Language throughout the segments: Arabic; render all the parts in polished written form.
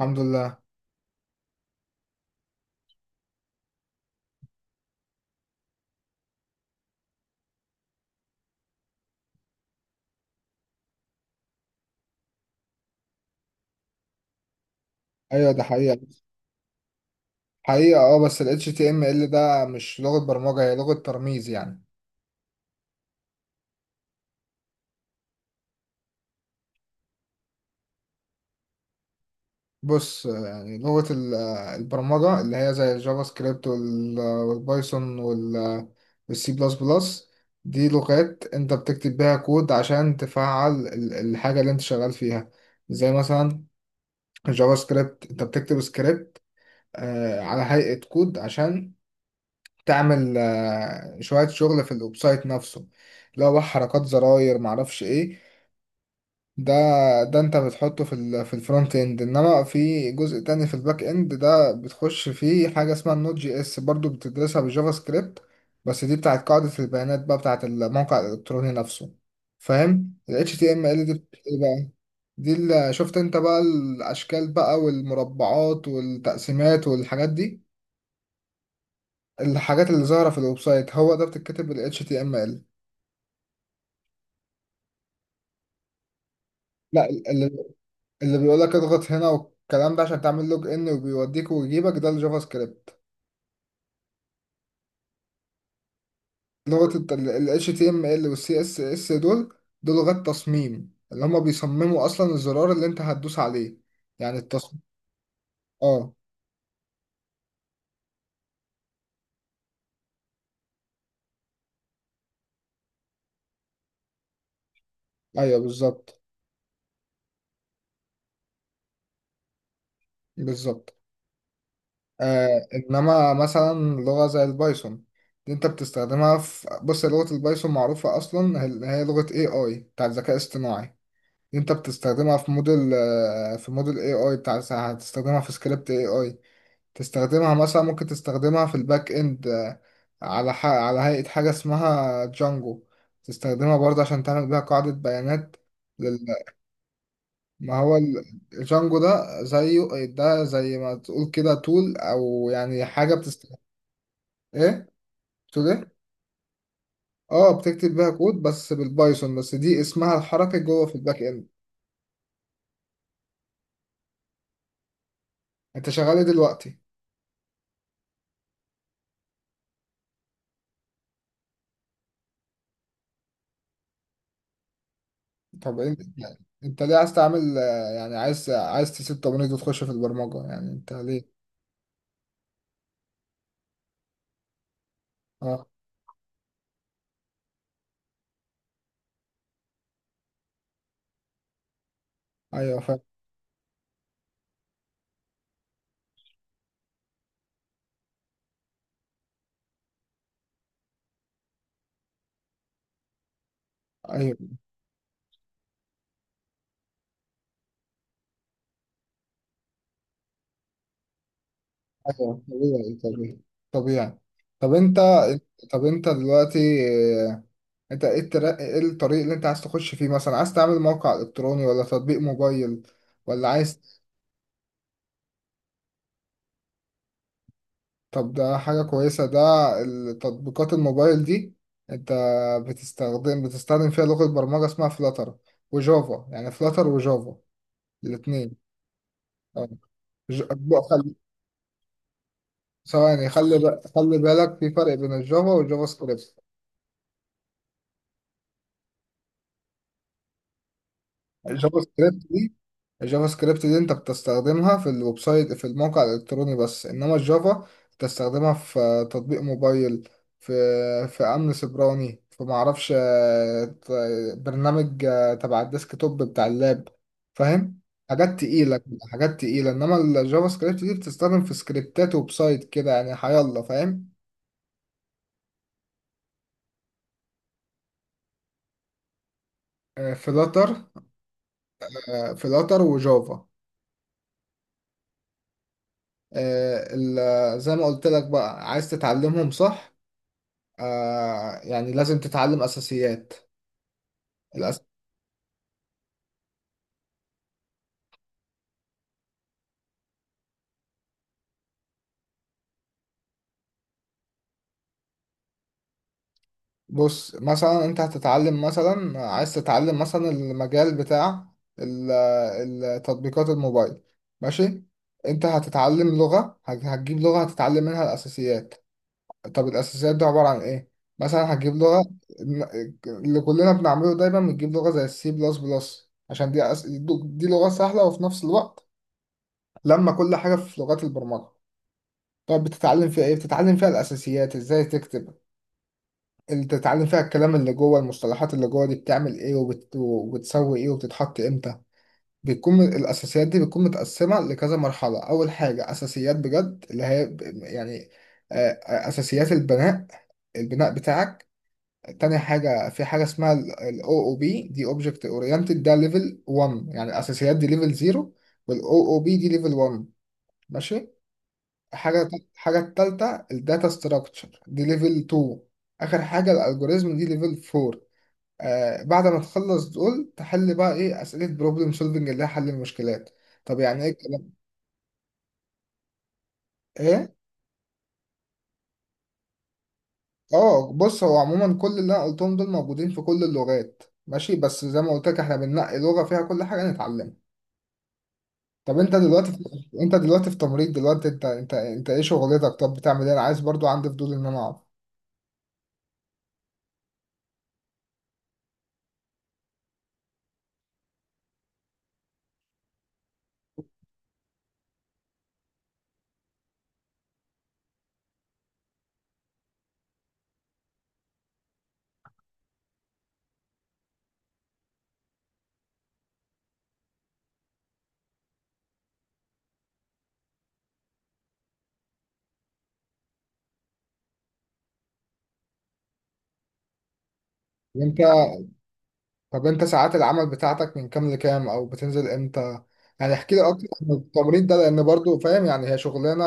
الحمد لله. ايوه، ده حقيقة. حقيقة اه، بس ال HTML ده مش لغة برمجة، هي لغة ترميز يعني. بص، يعني لغة البرمجة اللي هي زي الجافا سكريبت والبايثون والسي بلس بلس. دي لغات انت بتكتب بيها كود عشان تفعل الحاجة اللي انت شغال فيها. زي مثلا الجافا سكريبت، انت بتكتب سكريبت على هيئة كود عشان تعمل شوية شغل في الويب سايت نفسه. لو بقى حركات زراير معرفش ايه ده. ده انت بتحطه في الفرونت اند، انما في جزء تاني في الباك اند، ده بتخش فيه حاجة اسمها النوت جي اس، برضو بتدرسها بالجافا سكريبت، بس دي بتاعت قاعدة البيانات بقى، بتاعت الموقع الإلكتروني نفسه. فاهم؟ ال HTML دي بت- ايه بقى، دي اللي شفت انت بقى الأشكال بقى والمربعات والتقسيمات والحاجات دي، الحاجات اللي ظاهرة في الويب سايت، هو ده بتتكتب بال HTML. لا، اللي بيقول لك اضغط هنا والكلام ده عشان تعمل لوج ان وبيوديك ويجيبك، ده الجافا سكريبت. ال HTML وال CSS دول، دول لغات تصميم، اللي هما بيصمموا اصلا الزرار اللي انت هتدوس عليه. يعني التصميم. اه. ايوه بالظبط. بالظبط. آه انما مثلا لغة زي البايثون، دي انت بتستخدمها في، بص، لغة البايثون معروفة اصلا، هي هي لغة AI، بتاع الذكاء الاصطناعي. انت بتستخدمها في موديل في موديل AI بتاع، هتستخدمها في سكريبت AI، تستخدمها مثلا، ممكن تستخدمها في الباك اند على هيئة حاجة اسمها جانجو، تستخدمها برضه عشان تعمل بيها قاعدة بيانات لل... ما هو الجانجو ده زيه، ده زي ما تقول كده تول، او يعني حاجة ايه، تقول ايه. اه، بتكتب بيها كود بس بالبايثون، بس دي اسمها الحركي جوه في الباك اند. انت شغال ايه دلوقتي؟ طب انت انت ليه عايز تعمل يعني عايز، تسيب تمريض وتخش في البرمجة، يعني انت ليه؟ اه. ايوه فاهم. ايوه. ايوه، طبيعي طبيعي. طبيعي. طب انت طب انت دلوقتي آه، انت ايه الطريق اللي انت عاز تخش فيه؟ مثلا عايز تعمل موقع الكتروني، ولا تطبيق موبايل، ولا عايز. طب ده حاجة كويسة ده، التطبيقات الموبايل دي. انت بتستخدم فيها لغة برمجة اسمها فلاتر وجافا، يعني فلاتر وجافا، الاتنين. آه. ج- بقى خلي ثواني، خلي خلي بالك، في فرق بين الجافا والجافا سكريبت. الجافا سكريبت دي الجافا سكريبت دي انت بتستخدمها في الويب سايت، في الموقع الالكتروني بس، انما الجافا بتستخدمها في تطبيق موبايل، في امن سيبراني، في معرفش برنامج تبع الديسك توب بتاع اللاب. فاهم؟ حاجات تقيلة. حاجات تقيلة، انما الجافا سكريبت دي بتستخدم في سكريبتات ويب سايت كده يعني، هيلا، فاهم؟ فلاتر. فلاتر وجافا. زي ما قلت لك بقى، عايز تتعلمهم صح. يعني لازم تتعلم أساسيات. الأس... بص مثلا أنت هتتعلم، مثلا عايز تتعلم مثلا المجال بتاع ال- تطبيقات الموبايل. ماشي. أنت هتتعلم لغة، هتجيب لغة هتتعلم منها الأساسيات. طب الأساسيات دي عبارة عن إيه؟ مثلا هتجيب لغة، ن- اللي كلنا بنعمله دايما بنجيب لغة زي السي بلس بلس، عشان دي دي لغة سهلة، وفي نفس الوقت لما كل حاجة في لغات البرمجة. طب بتتعلم فيها ايه؟ بتتعلم فيها الأساسيات ازاي تكتب، اللي بتتعلم فيها الكلام اللي جوه، المصطلحات اللي جوه دي بتعمل ايه، وبتسوي ايه، وبتتحط امتى. بيكون الأساسيات دي بتكون متقسمة لكذا مرحلة. أول حاجة أساسيات بجد، اللي هي يعني أساسيات البناء، البناء بتاعك. تاني حاجة، في حاجة اسمها ال OOP، دي Object Oriented، ده ليفل 1. يعني الأساسيات دي ليفل 0، وال OOP دي ليفل 1. ماشي. حاجة حاجة التالتة، الداتا ستراكشر، دي ليفل 2. آخر حاجة الالجوريزم، دي ليفل 4. آه، بعد ما تخلص دول تحل بقى إيه، أسئلة بروبلم سولفنج، اللي هي حل المشكلات. طب يعني إيه الكلام، إيه؟ آه بص، هو عموما كل اللي أنا قلتهم دول موجودين في كل اللغات، ماشي؟ بس زي ما قلت لك، إحنا بننقي لغة فيها كل حاجة نتعلمها. طب أنت دلوقتي في... أنت دلوقتي في تمريض دلوقتي، أنت إيه شغلتك؟ طب بتعمل إيه؟ أنا عايز، برضو عندي فضول إن أنا أعرف. وأنت طب انت ساعات العمل بتاعتك من كام لكام، او بتنزل امتى؟ يعني احكي لي اكتر عن التمرين ده، لان برضو فاهم، يعني هي شغلانه،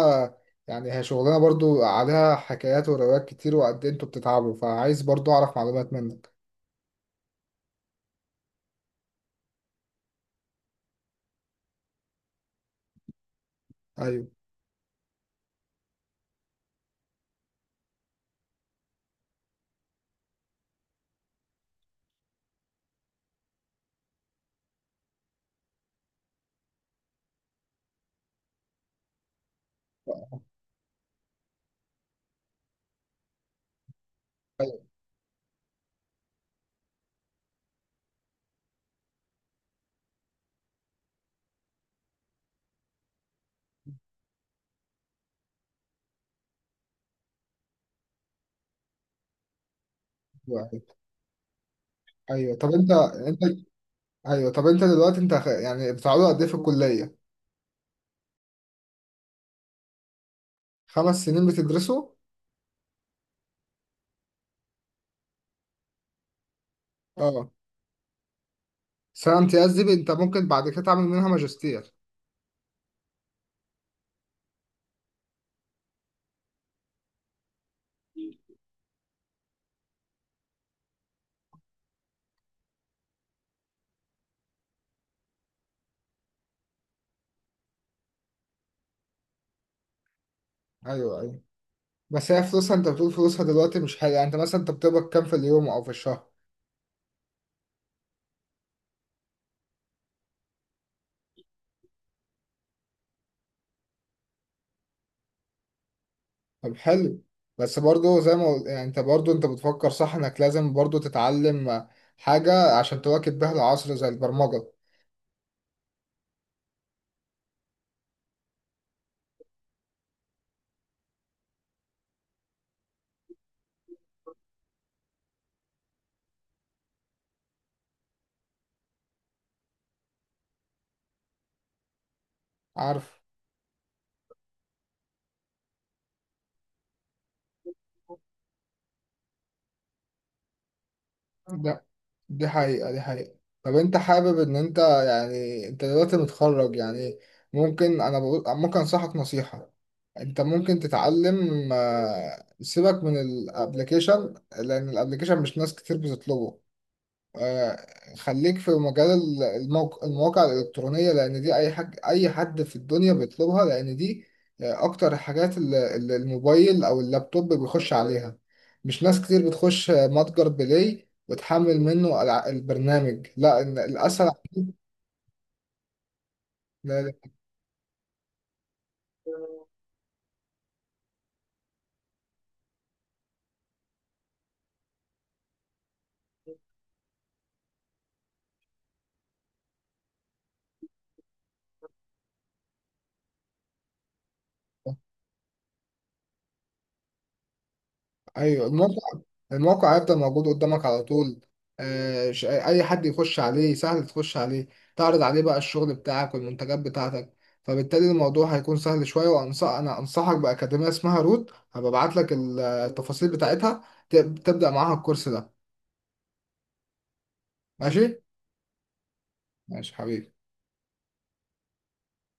يعني هي شغلانه برضو عليها حكايات وروايات كتير، وقد ايه انتوا بتتعبوا، فعايز برضو اعرف معلومات منك. ايوه. ايوه. ايوه. ايوه. طب انت انت. ايوه طب انت دلوقتي انت يعني بتقعدوا قد ايه في الكليه؟ 5 سنين بتدرسوا. اه. سنه امتياز دي انت ممكن بعد كده تعمل منها ماجستير. ايوه ايوه. بس هي فلوسها، انت بتقول فلوسها دلوقتي مش حلو، يعني انت مثلا بتقبض كام في اليوم او في الشهر؟ طب حلو. بس برضو زي ما قلت، يعني انت برضو انت بتفكر صح انك لازم برضو تتعلم حاجة عشان تواكب بيها العصر، زي البرمجة. عارف. ده، دي حقيقة. دي حقيقة. طب انت حابب ان انت يعني، انت دلوقتي متخرج يعني. ممكن انا بقول، ممكن انصحك نصيحة. انت ممكن تتعلم سيبك من الابليكيشن، لان الابليكيشن مش ناس كتير بتطلبه. آه، خليك في مجال المواقع الإلكترونية، لأن دي أي حد في الدنيا بيطلبها، لأن دي أكتر الحاجات اللي الموبايل أو اللابتوب بيخش عليها، مش ناس كتير بتخش متجر بلاي وتحمل منه البرنامج، لا، إن الأسهل. ايوه، الموقع، الموقع هيفضل موجود قدامك على طول. اي حد يخش عليه، سهل تخش عليه، تعرض عليه بقى الشغل بتاعك والمنتجات بتاعتك، فبالتالي الموضوع هيكون سهل شويه. وانصح، انا انصحك باكاديميه اسمها روت، هبقى ابعت لك التفاصيل بتاعتها. تبدا معاها الكورس ده. ماشي. ماشي حبيبي.